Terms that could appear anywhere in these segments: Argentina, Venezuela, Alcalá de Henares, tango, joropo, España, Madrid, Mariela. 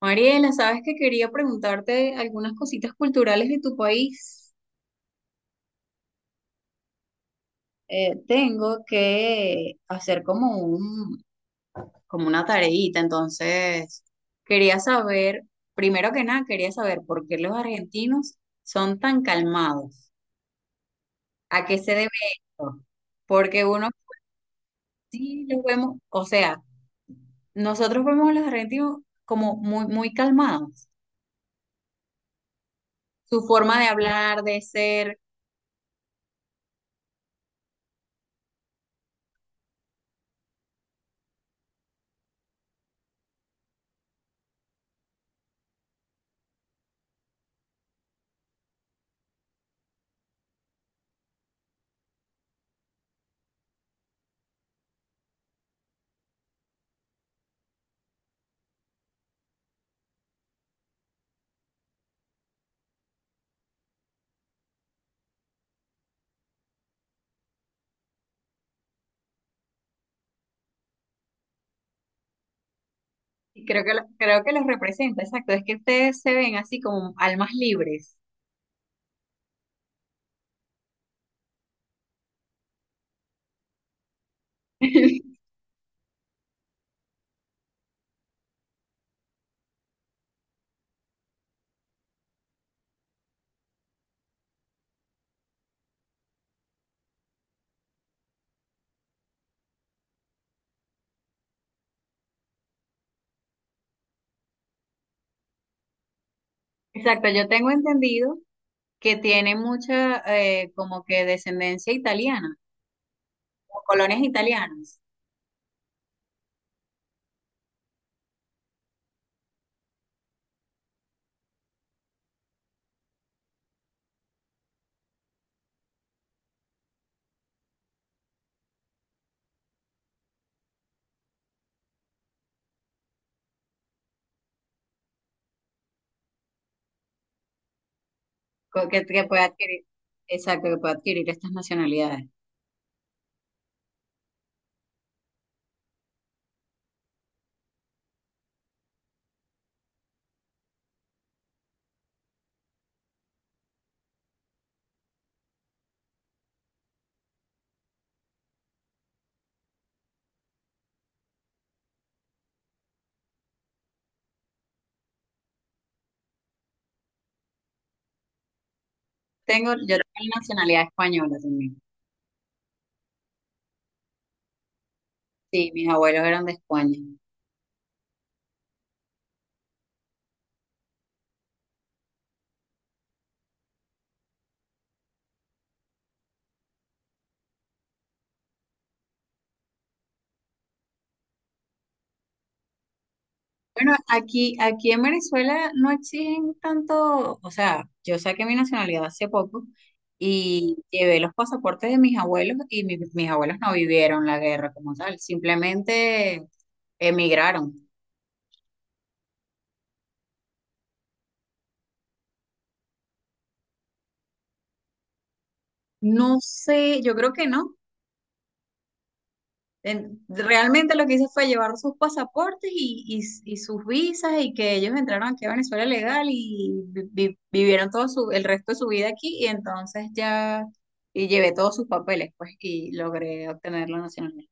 Mariela, sabes que quería preguntarte algunas cositas culturales de tu país. Tengo que hacer como como una tareita, entonces quería saber, primero que nada, quería saber por qué los argentinos son tan calmados. ¿A qué se debe esto? Porque uno sí los vemos, o sea, nosotros vemos a los argentinos como muy calmados. Su forma de hablar, de ser. Creo creo que los representa, exacto. Es que ustedes se ven así como almas libres. Exacto, yo tengo entendido que tiene mucha como que descendencia italiana, o colonias italianas, que puede adquirir, exacto, que puede adquirir estas nacionalidades. Tengo, yo tengo nacionalidad española también. Sí, mis abuelos eran de España. Bueno, aquí en Venezuela no exigen tanto, o sea, yo saqué mi nacionalidad hace poco y llevé los pasaportes de mis abuelos y mis abuelos no vivieron la guerra como tal, simplemente emigraron. No sé, yo creo que no. Realmente lo que hice fue llevar sus pasaportes y sus visas y que ellos entraron aquí a Venezuela legal y vivieron todo el resto de su vida aquí y entonces ya y llevé todos sus papeles pues y logré obtener la nacionalidad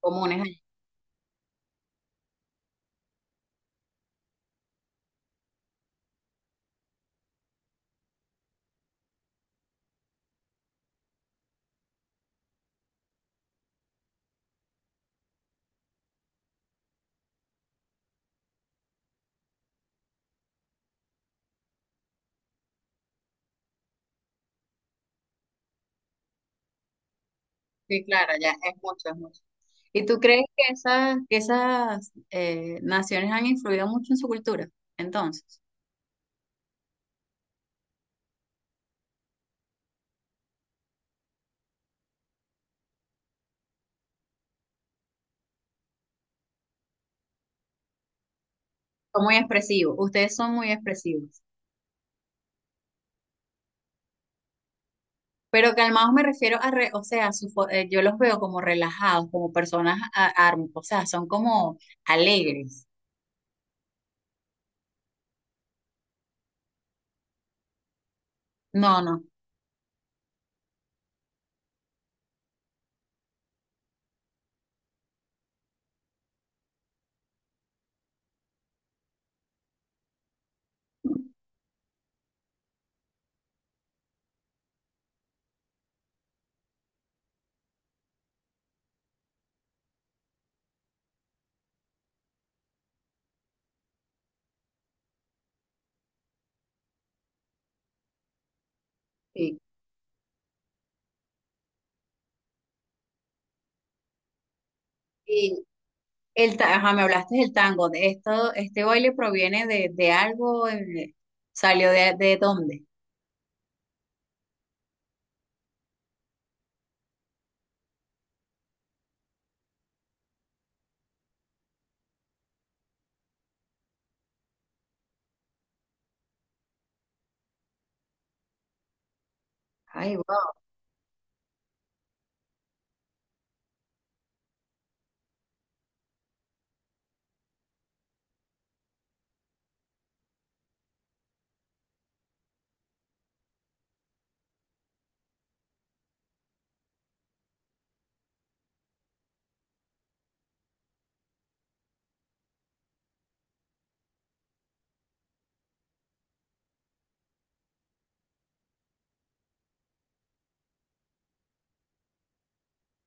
comunes allá. Sí, claro, ya es mucho, es mucho. ¿Y tú crees que esas, que esas naciones han influido mucho en su cultura? Entonces, son muy expresivos, ustedes son muy expresivos. Pero calmados me refiero a, o sea, su yo los veo como relajados, como personas o sea, son como alegres. No, no. Sí. Y ajá, me hablaste del tango. De esto, este baile proviene de algo, salió de dónde. Ay, wow.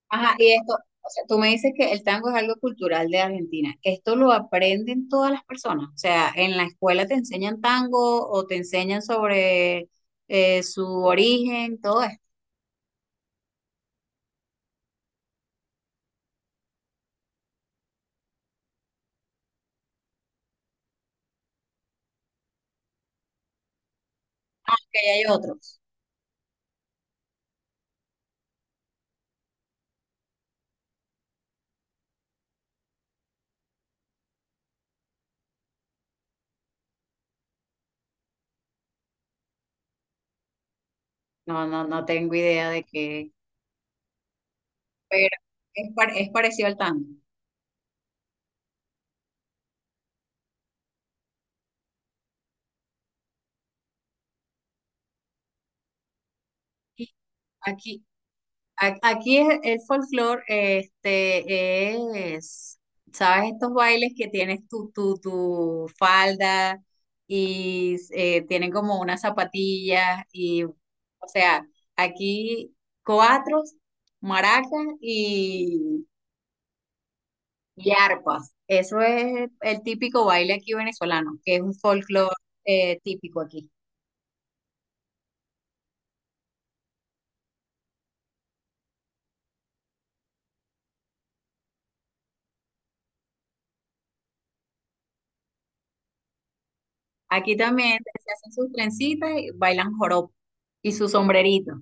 Ajá, y esto, o sea, tú me dices que el tango es algo cultural de Argentina. ¿Esto lo aprenden todas las personas? O sea, ¿en la escuela te enseñan tango o te enseñan sobre su origen, todo aunque hay otros? No, no, no tengo idea de qué, pero es parecido al tango. Aquí, Aquí, aquí el folclore, este, es, ¿sabes? Estos bailes que tienes tu falda y tienen como unas zapatillas o sea, aquí cuatro maracas y arpas, eso es el típico baile aquí venezolano, que es un folclore típico aquí. Aquí también se hacen sus trencitas y bailan joropo y su sombrerito.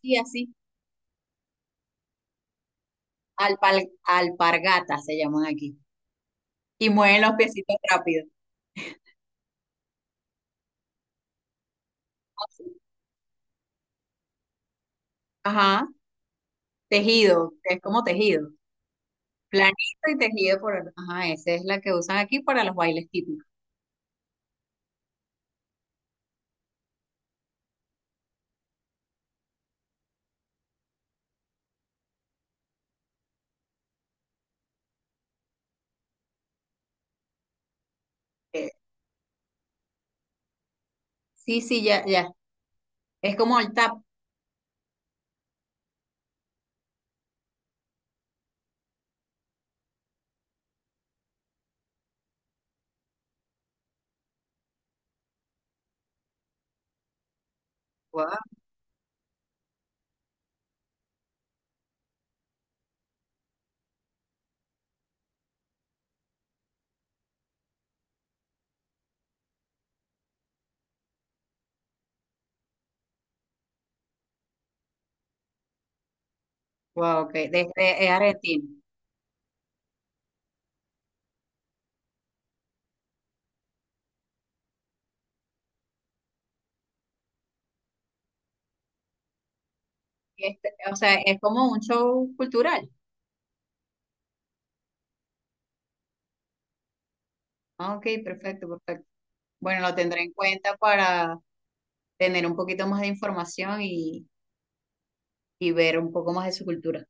Sí, así, alpargatas se llaman aquí. Y mueven los piecitos rápido. Así. Ajá, tejido, que es como tejido. Planito y tejido por... Ajá, esa es la que usan aquí para los bailes típicos. Eh, sí, sí, ya, ya. Es como el tap. Wow, wow, ok, desde, es argentino. Este, o sea, es como un show cultural. Ah, ok, perfecto, perfecto. Bueno, lo tendré en cuenta para tener un poquito más de información y ver un poco más de su cultura.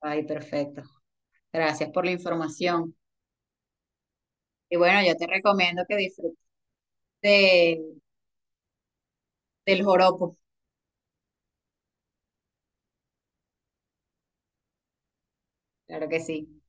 Ay, perfecto. Gracias por la información. Y bueno, yo te recomiendo que disfrutes de- del joropo. Claro que sí.